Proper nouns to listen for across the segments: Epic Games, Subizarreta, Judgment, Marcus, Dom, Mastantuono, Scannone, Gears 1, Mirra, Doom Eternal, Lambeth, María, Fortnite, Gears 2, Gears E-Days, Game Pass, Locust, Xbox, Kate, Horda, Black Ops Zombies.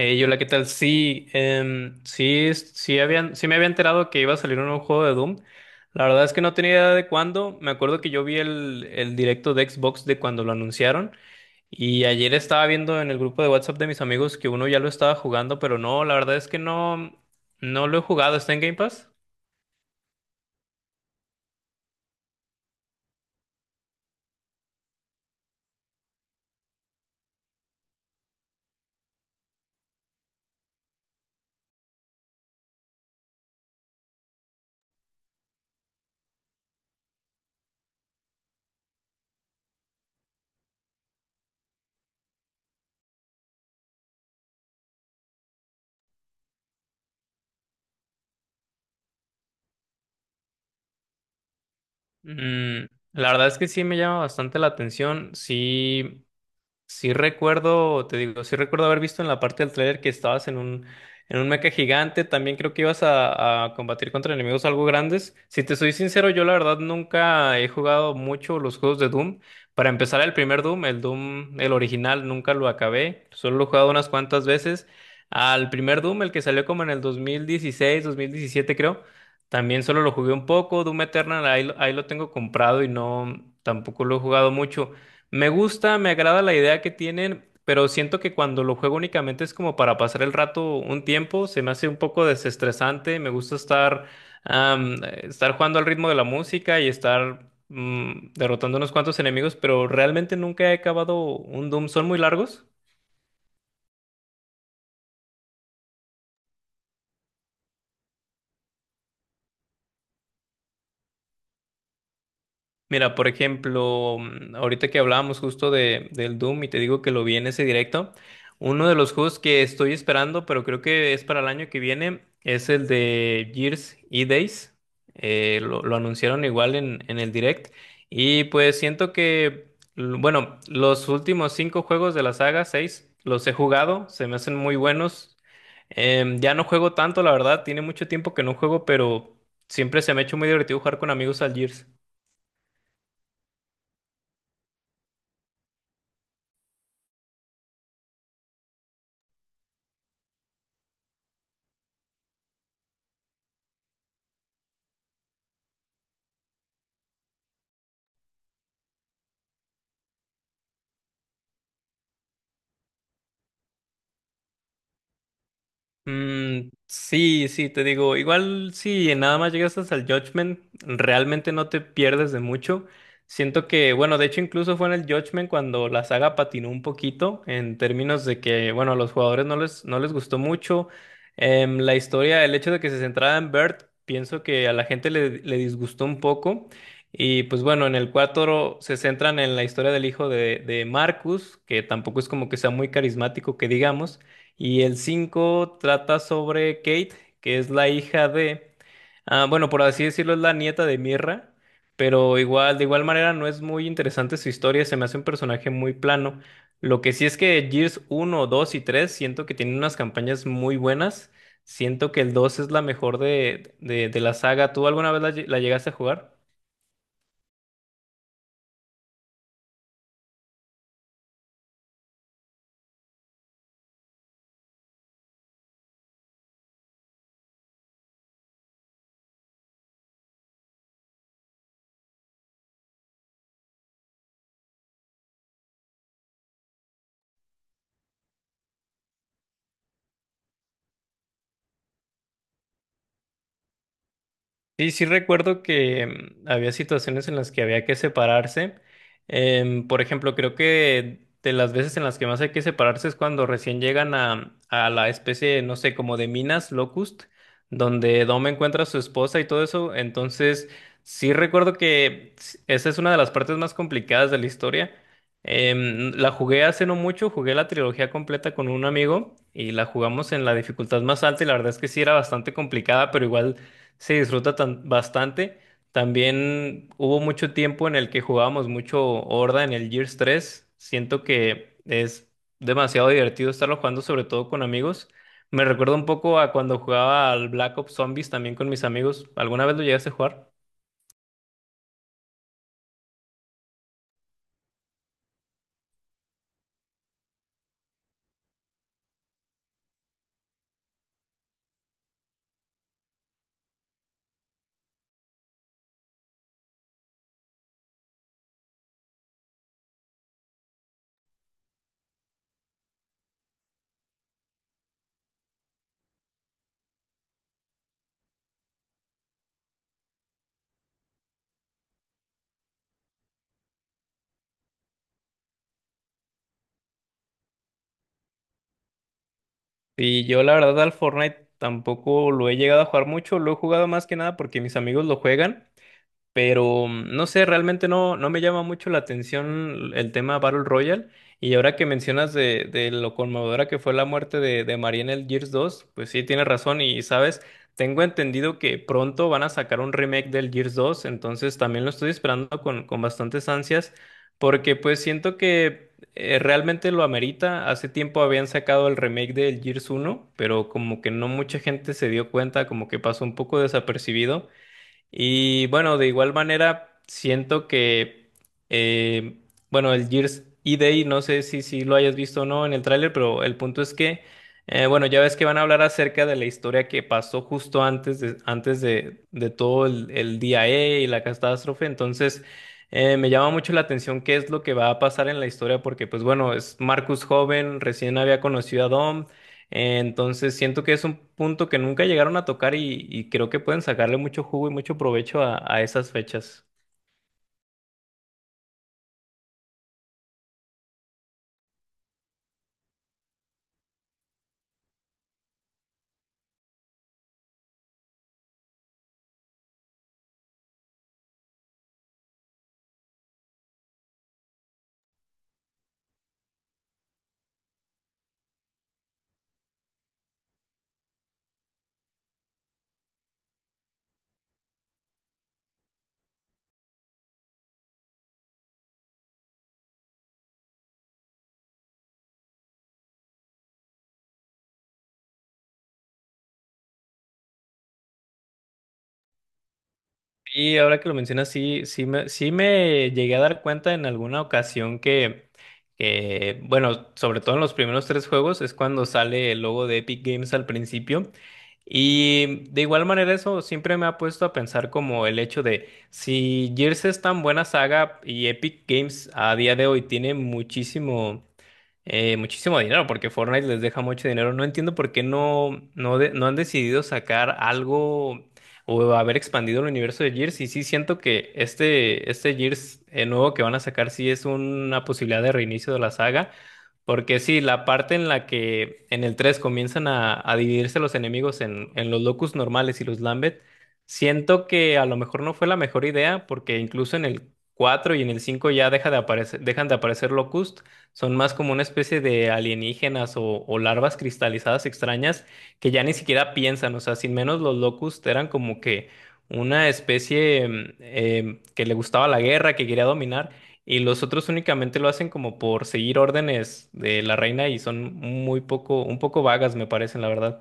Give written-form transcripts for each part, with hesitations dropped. Hey, hola, ¿qué tal? Sí, sí, sí, sí me había enterado que iba a salir un nuevo juego de Doom. La verdad es que no tenía idea de cuándo. Me acuerdo que yo vi el directo de Xbox de cuando lo anunciaron. Y ayer estaba viendo en el grupo de WhatsApp de mis amigos que uno ya lo estaba jugando, pero no, la verdad es que no, no lo he jugado. ¿Está en Game Pass? Mm, la verdad es que sí me llama bastante la atención. Sí, sí recuerdo, te digo, sí recuerdo haber visto en la parte del trailer que estabas en en un mecha gigante. También creo que ibas a combatir contra enemigos algo grandes. Si te soy sincero, yo la verdad nunca he jugado mucho los juegos de Doom. Para empezar, el primer Doom, el original, nunca lo acabé. Solo lo he jugado unas cuantas veces. Al primer Doom, el que salió como en el 2016, 2017 creo, también solo lo jugué un poco. Doom Eternal, ahí lo tengo comprado y no, tampoco lo he jugado mucho. Me gusta, me agrada la idea que tienen, pero siento que cuando lo juego únicamente es como para pasar el rato un tiempo, se me hace un poco desestresante, me gusta estar, estar jugando al ritmo de la música y estar derrotando unos cuantos enemigos, pero realmente nunca he acabado un Doom. ¿Son muy largos? Mira, por ejemplo, ahorita que hablábamos justo del Doom y te digo que lo vi en ese directo, uno de los juegos que estoy esperando, pero creo que es para el año que viene, es el de Gears E-Days. Lo anunciaron igual en el direct. Y pues siento que, bueno, los últimos cinco juegos de la saga, seis, los he jugado, se me hacen muy buenos. Ya no juego tanto, la verdad, tiene mucho tiempo que no juego, pero siempre se me ha hecho muy divertido jugar con amigos al Gears. Mm, sí, sí, te digo, igual si nada más llegas hasta el Judgment, realmente no te pierdes de mucho. Siento que, bueno, de hecho incluso fue en el Judgment cuando la saga patinó un poquito en términos de que, bueno, a los jugadores no les gustó mucho. La historia, el hecho de que se centrara en Bert, pienso que a la gente le disgustó un poco. Y pues bueno, en el 4 se centran en la historia del hijo de Marcus, que tampoco es como que sea muy carismático, que digamos. Y el 5 trata sobre Kate, que es la hija de, ah, bueno, por así decirlo, es la nieta de Mirra, pero igual, de igual manera no es muy interesante su historia, se me hace un personaje muy plano. Lo que sí es que Gears uno, 2 y 3 siento que tienen unas campañas muy buenas, siento que el 2 es la mejor de la saga. ¿Tú alguna vez la la llegaste a jugar? Sí, sí recuerdo que había situaciones en las que había que separarse. Por ejemplo, creo que de las veces en las que más hay que separarse es cuando recién llegan a la especie, no sé, como de minas Locust, donde Dom encuentra a su esposa y todo eso. Entonces, sí recuerdo que esa es una de las partes más complicadas de la historia. La jugué hace no mucho, jugué la trilogía completa con un amigo y la jugamos en la dificultad más alta y la verdad es que sí era bastante complicada, pero igual, se disfruta bastante. También hubo mucho tiempo en el que jugábamos mucho Horda en el Gears tres. Siento que es demasiado divertido estarlo jugando, sobre todo con amigos. Me recuerda un poco a cuando jugaba al Black Ops Zombies también con mis amigos. ¿Alguna vez lo llegaste a jugar? Y yo la verdad al Fortnite tampoco lo he llegado a jugar mucho. Lo he jugado más que nada porque mis amigos lo juegan. Pero no sé, realmente no, no me llama mucho la atención el tema Battle Royale. Y ahora que mencionas de lo conmovedora que fue la muerte de María en el Gears 2, pues sí, tienes razón. Y sabes, tengo entendido que pronto van a sacar un remake del Gears 2, entonces también lo estoy esperando con bastantes ansias, porque pues siento que realmente lo amerita. Hace tiempo habían sacado el remake del Gears 1, pero como que no mucha gente se dio cuenta, como que pasó un poco desapercibido. Y bueno, de igual manera, siento que, eh, bueno, el Gears E-Day, no sé si lo hayas visto o no en el tráiler, pero el punto es que, bueno, ya ves que van a hablar acerca de la historia que pasó justo antes de todo el día E y la catástrofe. Entonces, me llama mucho la atención qué es lo que va a pasar en la historia, porque pues bueno, es Marcus joven, recién había conocido a Dom. Entonces siento que es un punto que nunca llegaron a tocar y creo que pueden sacarle mucho jugo y mucho provecho a esas fechas. Y ahora que lo mencionas, sí, sí me llegué a dar cuenta en alguna ocasión que, bueno, sobre todo en los primeros tres juegos es cuando sale el logo de Epic Games al principio. Y de igual manera eso siempre me ha puesto a pensar como el hecho de si Gears es tan buena saga y Epic Games a día de hoy tiene muchísimo muchísimo dinero, porque Fortnite les deja mucho dinero. No entiendo por qué no han decidido sacar algo o haber expandido el universo de Gears. Y sí siento que este Gears nuevo que van a sacar sí es una posibilidad de reinicio de la saga. Porque sí, la parte en la que en el 3 comienzan a dividirse los enemigos en los Locust normales y los Lambeth, siento que a lo mejor no fue la mejor idea, porque incluso en el 4 y en el 5 ya deja de aparecer, dejan de aparecer Locust, son más como una especie de alienígenas o larvas cristalizadas extrañas que ya ni siquiera piensan, o sea, sin menos los Locust eran como que una especie que le gustaba la guerra, que quería dominar. Y los otros únicamente lo hacen como por seguir órdenes de la reina y son muy poco, un poco vagas, me parecen, la verdad.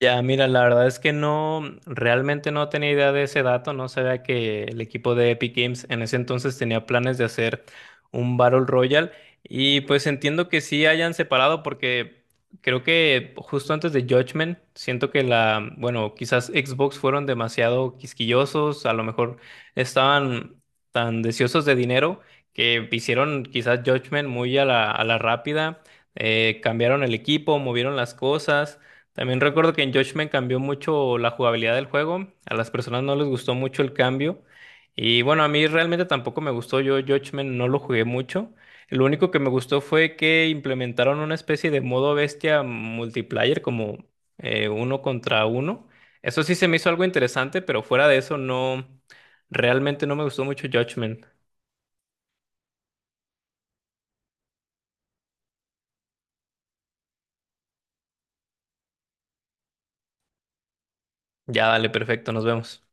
Ya, mira, la verdad es que no, realmente no tenía idea de ese dato, no sabía que el equipo de Epic Games en ese entonces tenía planes de hacer un Battle Royale y pues entiendo que sí hayan separado porque creo que justo antes de Judgment, siento que la, bueno, quizás Xbox fueron demasiado quisquillosos, a lo mejor estaban tan deseosos de dinero que hicieron quizás Judgment muy a la rápida, cambiaron el equipo, movieron las cosas. También recuerdo que en Judgment cambió mucho la jugabilidad del juego. A las personas no les gustó mucho el cambio. Y bueno, a mí realmente tampoco me gustó. Yo Judgment no lo jugué mucho. Lo único que me gustó fue que implementaron una especie de modo bestia multiplayer, como uno contra uno. Eso sí se me hizo algo interesante, pero fuera de eso no, realmente no me gustó mucho Judgment. Ya, dale, perfecto, nos vemos.